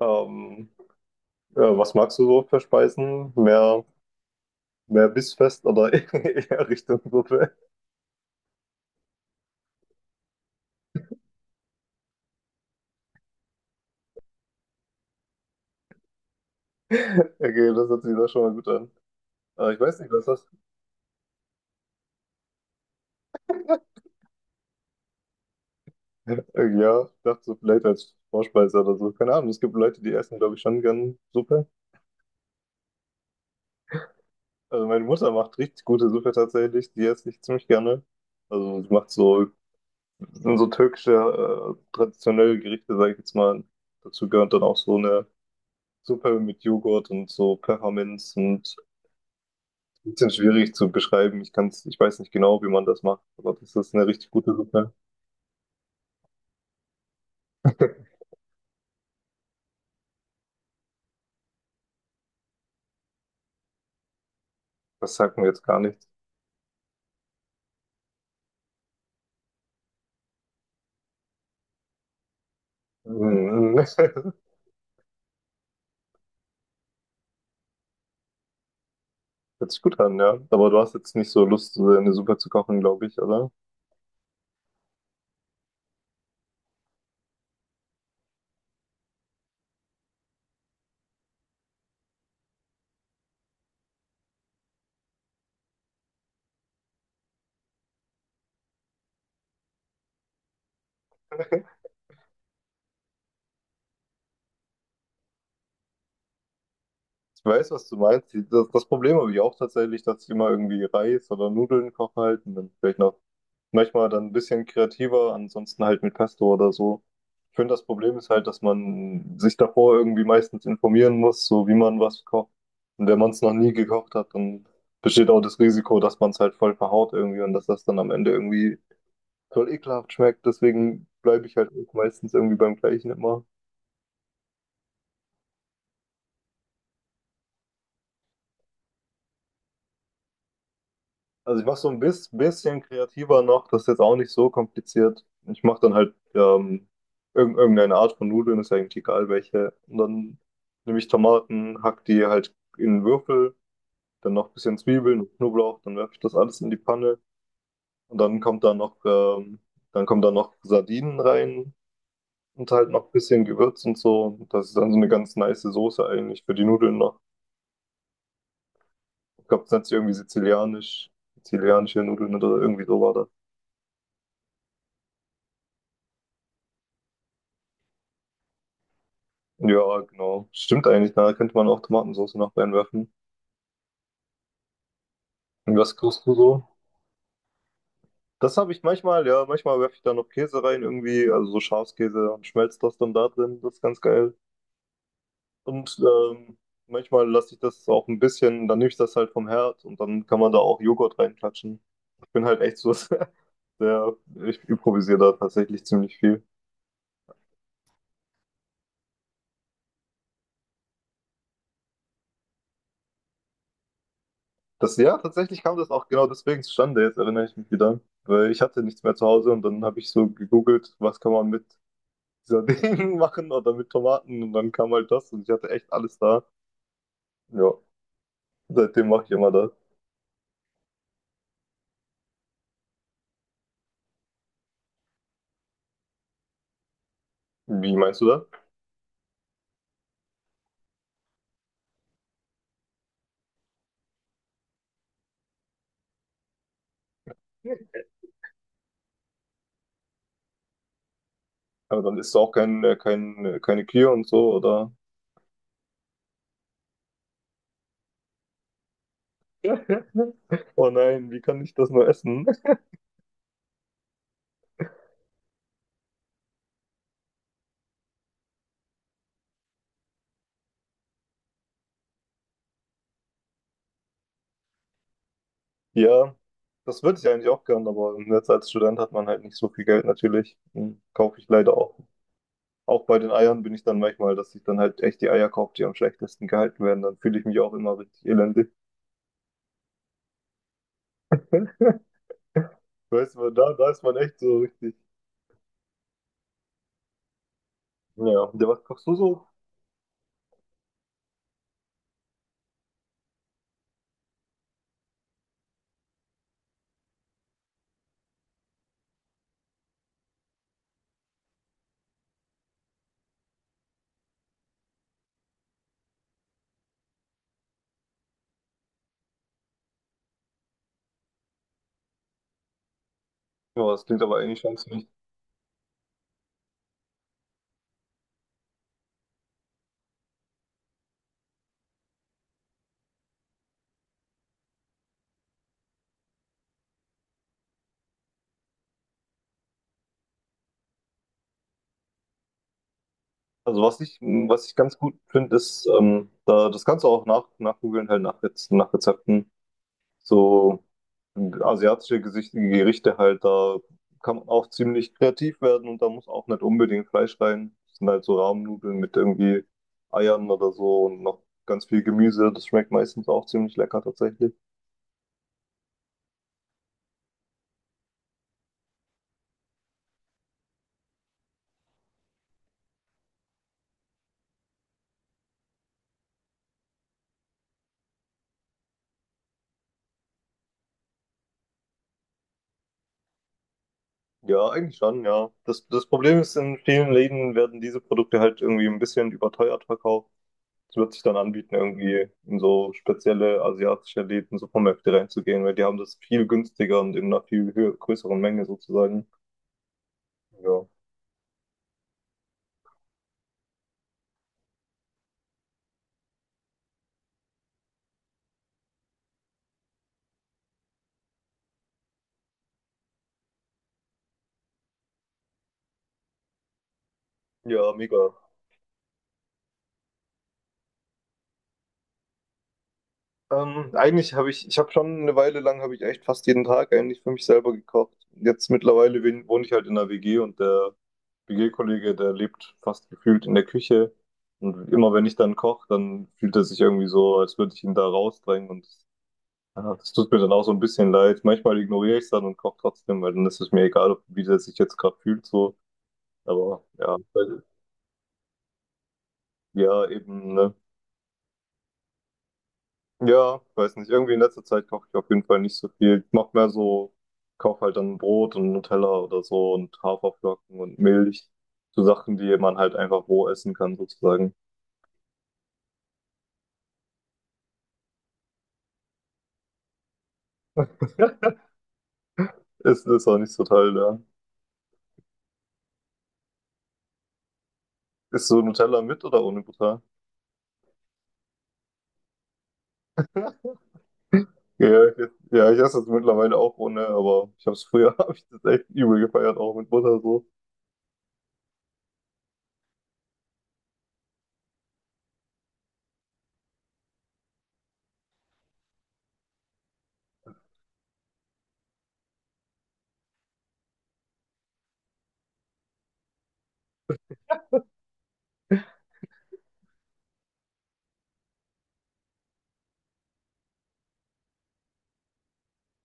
Ähm, ja, was magst du so für Speisen? Mehr bissfest oder eher Richtung Suppe? Okay, das hört sich doch schon mal gut an. Ich weiß nicht, was das. Ja, ich dachte so vielleicht als Vorspeise oder so. Keine Ahnung, es gibt Leute, die essen, glaube ich, schon gern Suppe. Also meine Mutter macht richtig gute Suppe tatsächlich, die esse ich ziemlich gerne. Also sie macht so, sind so türkische traditionelle Gerichte, sage ich jetzt mal. Dazu gehört dann auch so eine Suppe mit Joghurt und so Pfefferminz und ein bisschen schwierig zu beschreiben. Ich kann's, ich weiß nicht genau, wie man das macht, aber das ist eine richtig gute Suppe. Das sagt mir jetzt gar nichts. Mhm. Hört sich gut an, ja. Aber du hast jetzt nicht so Lust, so eine Suppe zu kochen, glaube ich, oder? Ich weiß, was du meinst. Das Problem habe ich auch tatsächlich, dass ich immer irgendwie Reis oder Nudeln koche halt und dann vielleicht noch manchmal dann ein bisschen kreativer, ansonsten halt mit Pesto oder so. Ich finde, das Problem ist halt, dass man sich davor irgendwie meistens informieren muss, so wie man was kocht. Und wenn man es noch nie gekocht hat, dann besteht auch das Risiko, dass man es halt voll verhaut irgendwie und dass das dann am Ende irgendwie voll ekelhaft schmeckt. Deswegen bleibe ich halt meistens irgendwie beim Gleichen immer. Also ich mache so ein bisschen kreativer noch, das ist jetzt auch nicht so kompliziert. Ich mache dann halt irgendeine Art von Nudeln, ist ja eigentlich egal welche. Und dann nehme ich Tomaten, hack die halt in Würfel, dann noch ein bisschen Zwiebeln und Knoblauch, dann werfe ich das alles in die Panne und dann kommt da noch, dann kommen da noch Sardinen rein und halt noch ein bisschen Gewürz und so. Und das ist dann so eine ganz nice Soße eigentlich für die Nudeln noch. Ich glaube, das nennt sich irgendwie sizilianisch, sizilianische Nudeln oder irgendwie so war. Ja, genau. Stimmt eigentlich, ne? Da könnte man auch Tomatensauce noch reinwerfen. Und was kochst du so? Das habe ich manchmal, ja, manchmal werfe ich da noch Käse rein irgendwie, also so Schafskäse und schmelzt das dann da drin. Das ist ganz geil. Und manchmal lasse ich das auch ein bisschen, dann nehme ich das halt vom Herd und dann kann man da auch Joghurt reinklatschen. Ich bin halt echt so sehr, ich improvisiere da tatsächlich ziemlich viel. Das, ja, tatsächlich kam das auch genau deswegen zustande, jetzt erinnere ich mich wieder. Weil ich hatte nichts mehr zu Hause und dann habe ich so gegoogelt, was kann man mit dieser Ding machen oder mit Tomaten und dann kam halt das und ich hatte echt alles da. Ja, seitdem mache ich immer das. Wie meinst du das? Aber dann isst du auch keine Kühe und so, oder? Oh nein, wie kann ich das nur essen? Ja, das würde ich eigentlich auch gern, aber jetzt als Student hat man halt nicht so viel Geld natürlich. Hm, kaufe ich leider auch. Auch bei den Eiern bin ich dann manchmal, dass ich dann halt echt die Eier kaufe, die am schlechtesten gehalten werden. Dann fühle ich mich auch immer richtig elendig. Weißt du, da ist man echt so richtig. Ja, der was kochst du so? Ja, das klingt aber eigentlich ganz nicht. Also was ich ganz gut finde, ist, da, das kannst du auch nachgoogeln, halt nach nach Rezepten. So asiatische Gerichte halt, da kann man auch ziemlich kreativ werden und da muss auch nicht unbedingt Fleisch rein. Das sind halt so Rahmnudeln mit irgendwie Eiern oder so und noch ganz viel Gemüse. Das schmeckt meistens auch ziemlich lecker tatsächlich. Ja, eigentlich schon, ja. Das Problem ist, in vielen Läden werden diese Produkte halt irgendwie ein bisschen überteuert verkauft. Es wird sich dann anbieten, irgendwie in so spezielle asiatische Läden, Supermärkte reinzugehen, weil die haben das viel günstiger und in einer viel größeren Menge sozusagen. Ja, ja, mega. Ich habe schon eine Weile lang, habe ich echt fast jeden Tag eigentlich für mich selber gekocht. Jetzt mittlerweile wohne ich halt in der WG und der WG-Kollege, der lebt fast gefühlt in der Küche. Und immer wenn ich dann koche, dann fühlt er sich irgendwie so, als würde ich ihn da rausdrängen und ja, das tut mir dann auch so ein bisschen leid. Manchmal ignoriere ich es dann und koche trotzdem, weil dann ist es mir egal, wie der sich jetzt gerade fühlt, so. Aber ja, weil ja, eben, ne? Ja, weiß nicht. Irgendwie in letzter Zeit koche ich auf jeden Fall nicht so viel. Ich mache mehr so, kaufe halt dann Brot und Nutella oder so und Haferflocken und Milch. So Sachen, die man halt einfach roh essen kann, sozusagen. Ist auch nicht so toll, ja. Ist so Nutella mit oder ohne Butter? Ja, ich, ja, ich esse es mittlerweile auch ohne, aber ich habe es früher, habe ich das echt übel gefeiert, auch mit Butter so.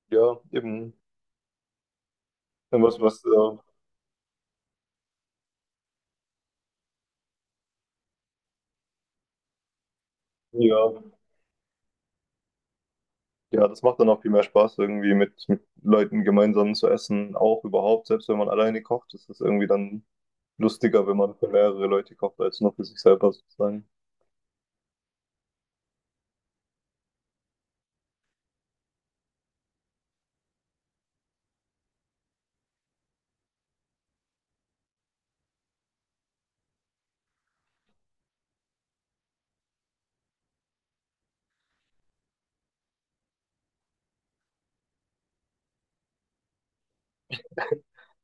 Ja, eben. Dann was, was, ja, ja, das macht dann auch viel mehr Spaß, irgendwie mit Leuten gemeinsam zu essen, auch überhaupt, selbst wenn man alleine kocht, ist es irgendwie dann lustiger, wenn man für mehrere Leute kocht, als nur für sich selber sozusagen.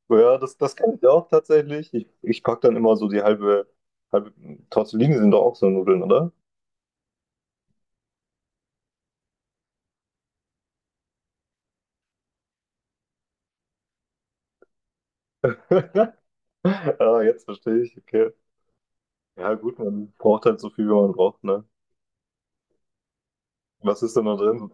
Ja, das kann ich auch tatsächlich. Ich packe dann immer so die halbe Tortellini sind doch auch so Nudeln, oder? Ah, jetzt verstehe ich, okay. Ja, gut, man braucht halt so viel, wie man braucht, ne? Was ist denn da drin?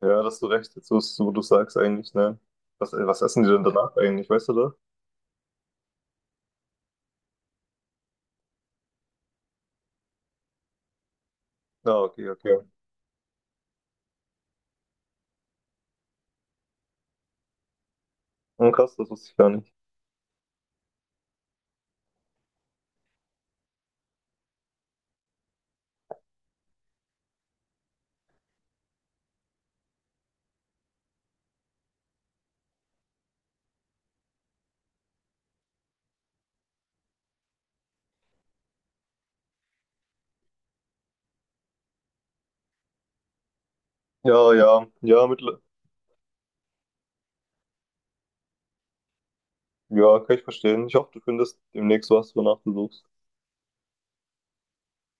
Ja, da hast du recht, jetzt, wo du sagst eigentlich, ne? Was essen die denn danach eigentlich, weißt du das? Ja, okay, okay. Hm, krass, das wusste ich gar nicht. Ja, ja, ja, ja, kann ich verstehen. Ich hoffe, du findest demnächst was, wonach du suchst.